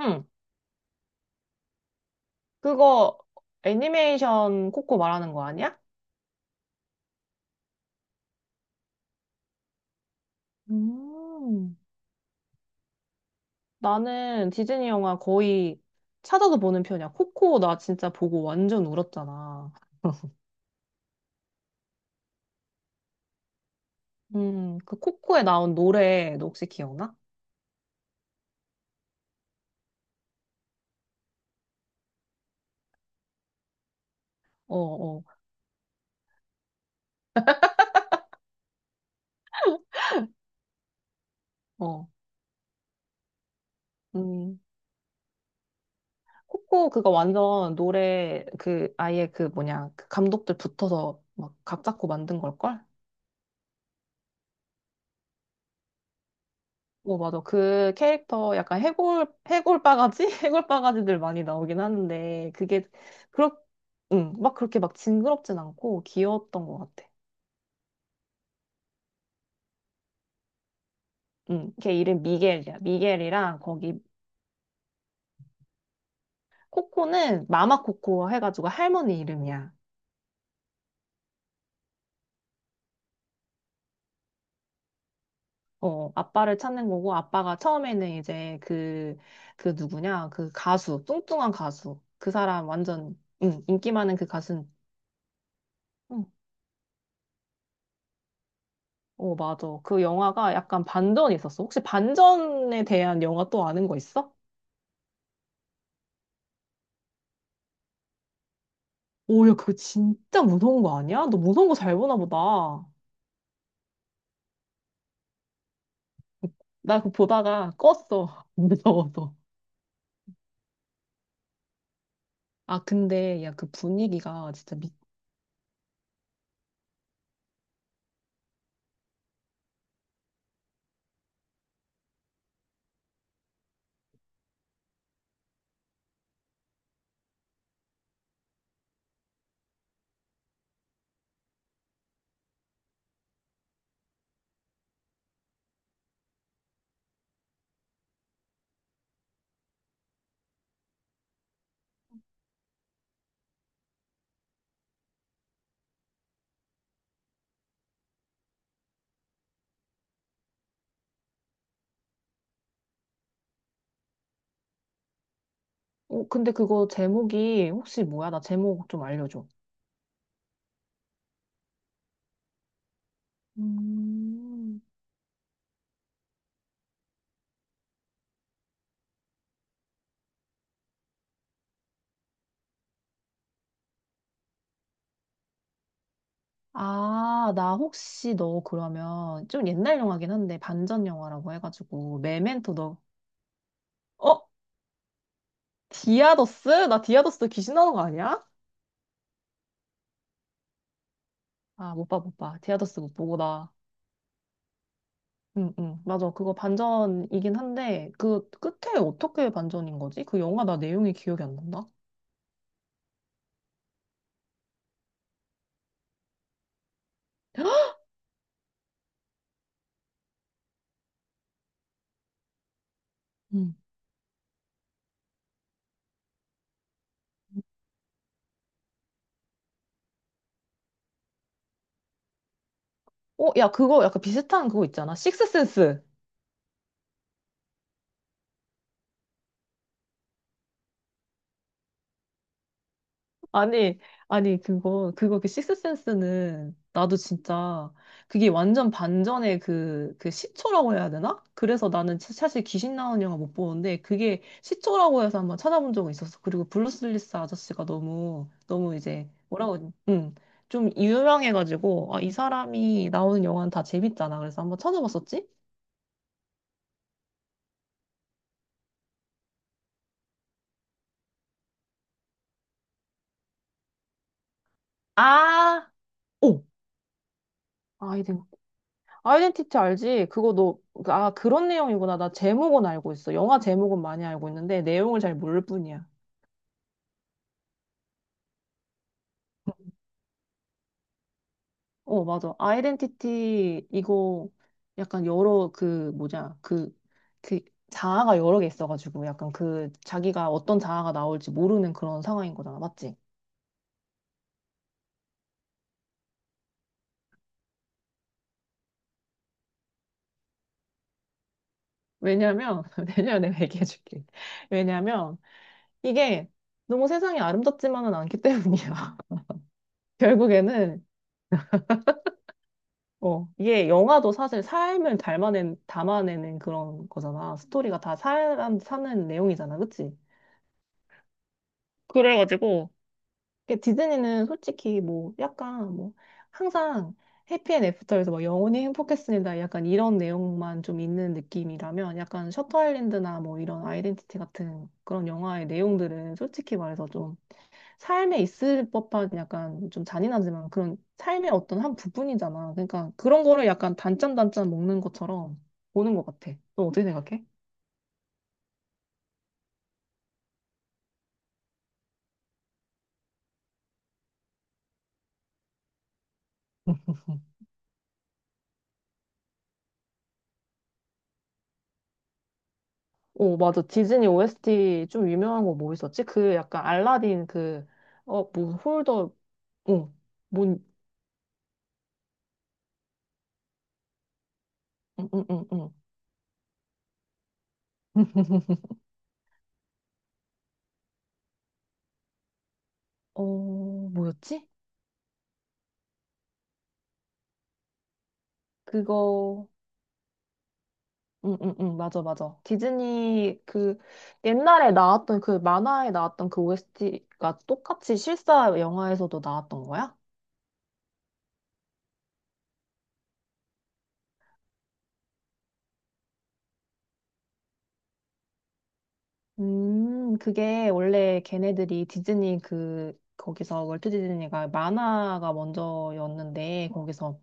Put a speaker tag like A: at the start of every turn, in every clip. A: 응, 그거 애니메이션 코코 말하는 거 아니야? 음. 나는 디즈니 영화 거의 찾아서 보는 편이야. 코코 나 진짜 보고 완전 울었잖아. 그 코코에 나온 노래 너 혹시 기억나? 어, 어, 어. 음. 코코 그거 완전 노래 그 아예 그 뭐냐 그 감독들 붙어서 막 각 잡고 만든 걸걸? 어, 맞아. 그 캐릭터 약간 해골 바가지? 해골 바가지들 많이 나오긴 하는데, 그게, 그렇, 응, 막 그렇게 막 징그럽진 않고 귀여웠던 것 같아. 응, 걔 이름 미겔이야. 미겔이랑 거기, 코코는 마마 코코 해가지고 할머니 이름이야. 어, 아빠를 찾는 거고, 아빠가 처음에는 이제 그, 그 누구냐, 그 가수, 뚱뚱한 가수. 그 사람 완전, 응, 인기 많은 그 가수. 어, 맞아. 그 영화가 약간 반전이 있었어. 혹시 반전에 대한 영화 또 아는 거 있어? 오, 야, 그거 진짜 무서운 거 아니야? 너 무서운 거 잘 보나 보다. 나 그거 보다가 껐어. 무서워서. 아, 근데, 야, 그 분위기가 진짜 근데 그거 제목이 혹시 뭐야? 나 제목 좀 알려줘. 음. 아, 나 혹시 너 그러면 좀 옛날 영화긴 한데 반전 영화라고 해가지고 메멘토 너, 어? 디아더스? 나 디아더스 귀신 나오는 거 아니야? 아, 못 봐, 못 봐. 디아더스 못 보고 나. 응, 응. 맞아. 그거 반전이긴 한데, 그 끝에 어떻게 반전인 거지? 그 영화 나 내용이 기억이 안 난다. 응. 어, 야, 그거 약간 비슷한 그거 있잖아. 식스센스. 아니, 아니, 그거 그 식스센스는 나도 진짜 그게 완전 반전의 그, 그 시초라고 해야 되나? 그래서 나는 사실 귀신 나오는 영화 못 보는데 그게 시초라고 해서 한번 찾아본 적은 있었어. 그리고 브루스 윌리스 아저씨가 너무, 너무 이제 뭐라고, 해야 되지? 좀 유명해가지고 아, 이 사람이 나오는 영화는 다 재밌잖아. 그래서 한번 찾아봤었지? 아, 오! 아이덴티티 알지? 그거 너, 아, 그런 내용이구나. 나 제목은 알고 있어. 영화 제목은 많이 알고 있는데 내용을 잘 모를 뿐이야. 어, 맞아. 아이덴티티 이거 약간 여러 그 뭐냐 그 자아가 여러 개 있어가지고 약간 그 자기가 어떤 자아가 나올지 모르는 그런 상황인 거잖아. 맞지? 왜냐면 왜냐면 내가 얘기해줄게. 왜냐면 이게 너무 세상이 아름답지만은 않기 때문이야. 결국에는 어, 이게 영화도 사실 삶을 닮아낸, 담아내는 그런 거잖아. 스토리가 다 사람 사는 내용이잖아. 그치? 그래가지고, 이게 디즈니는 솔직히 뭐 약간 뭐 항상 해피앤 애프터에서 막 영원히 행복했습니다. 약간 이런 내용만 좀 있는 느낌이라면 약간 셔터 아일랜드나 뭐 이런 아이덴티티 같은 그런 영화의 내용들은 솔직히 말해서 좀 삶에 있을 법한 약간 좀 잔인하지만 그런 삶의 어떤 한 부분이잖아. 그러니까 그런 거를 약간 단짠단짠 먹는 것처럼 보는 것 같아. 너 어떻게 생각해? 오, 맞아. 디즈니 OST 좀 유명한 거 뭐 있었지? 그 약간 알라딘 그, 뭐, 홀더, 어, 뭔, 응, 응, 응, 응. 어, 뭐였지? 그거, 응, 응, 응, 맞아, 맞아. 디즈니 그 옛날에 나왔던 그 만화에 나왔던 그 OST가 똑같이 실사 영화에서도 나왔던 거야? 그게 원래 걔네들이 디즈니 그, 거기서 월트 디즈니가 만화가 먼저였는데, 거기서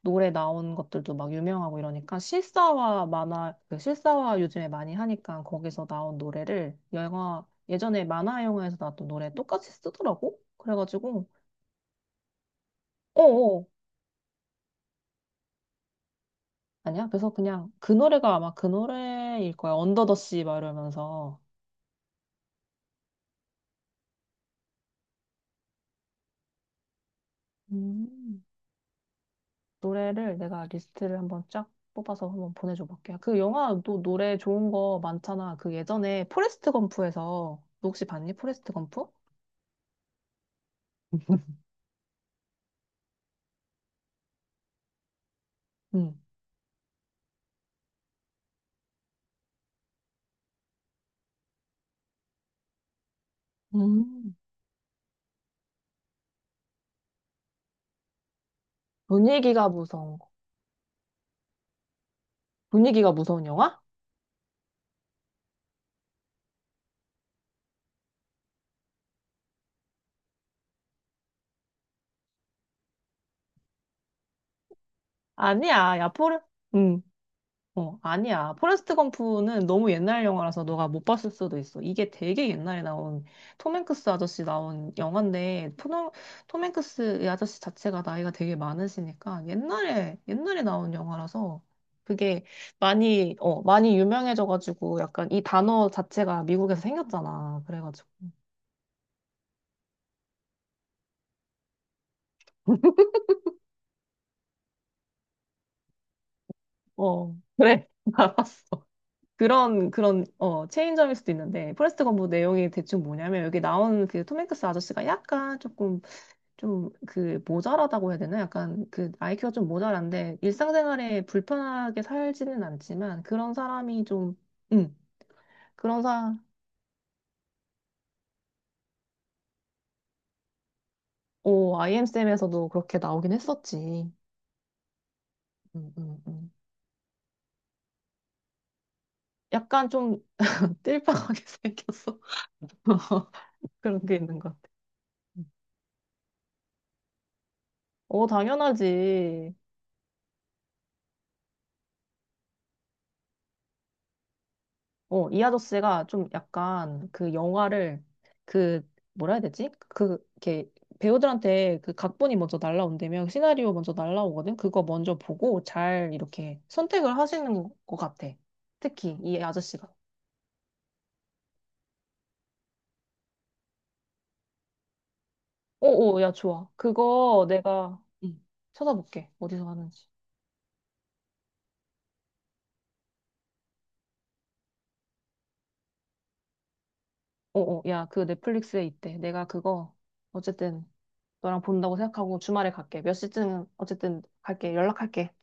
A: 노래 나온 것들도 막 유명하고 이러니까, 실사화 만화, 그 실사화 요즘에 많이 하니까 거기서 나온 노래를 영화, 예전에 만화 영화에서 나왔던 노래 똑같이 쓰더라고? 그래가지고, 어어, 아니야? 그래서 그냥 그 노래가 아마 그 노래일 거야. 언더 더 씨 막 이러면서. 음. 노래를 내가 리스트를 한번 쫙 뽑아서 한번 보내줘 볼게. 그 영화도 노래 좋은 거 많잖아. 그 예전에 포레스트 검프에서 너 혹시 봤니? 포레스트 검프? 응. 음. 분위기가 무서운 거. 분위기가 무서운 영화? 아니야. 야 포레. 응. 어, 아니야. 포레스트 검프는 너무 옛날 영화라서 너가 못 봤을 수도 있어. 이게 되게 옛날에 나온 톰 행크스 아저씨 나온 영화인데 톰 행크스 이 아저씨 자체가 나이가 되게 많으시니까 옛날에 옛날에 나온 영화라서 그게 많이 유명해져가지고 약간 이 단어 자체가 미국에서 생겼잖아. 그래가지고 어, 그래. 알았어. 그런 체인점일 수도 있는데 포레스트 검프 내용이 대충 뭐냐면 여기 나온 그톰 행크스 아저씨가 약간 조금 좀 그 모자라다고 해야 되나? 약간 그 IQ가 좀 모자란데 일상생활에 불편하게 살지는 않지만 그런 사람이 좀, 음, 그런 사, 오, IM쌤에서도 그렇게 나오긴 했었지. 음, 음, 음. 약간 좀 띨빵하게 생겼어. 그런 게 있는 것 같아. 응. 어, 당연하지. 어, 이 아저씨가 좀 약간 그 영화를 그 뭐라 해야 되지? 그 이렇게 배우들한테 그 각본이 먼저 날라온다면 시나리오 먼저 날라오거든. 그거 먼저 보고 잘 이렇게 선택을 하시는 것 같아. 특히 이 아저씨가. 오오 야, 좋아. 그거 내가 응, 찾아볼게. 어디서 하는지. 오오 야, 그 넷플릭스에 있대. 내가 그거 어쨌든 너랑 본다고 생각하고 주말에 갈게. 몇 시쯤 어쨌든 갈게. 연락할게.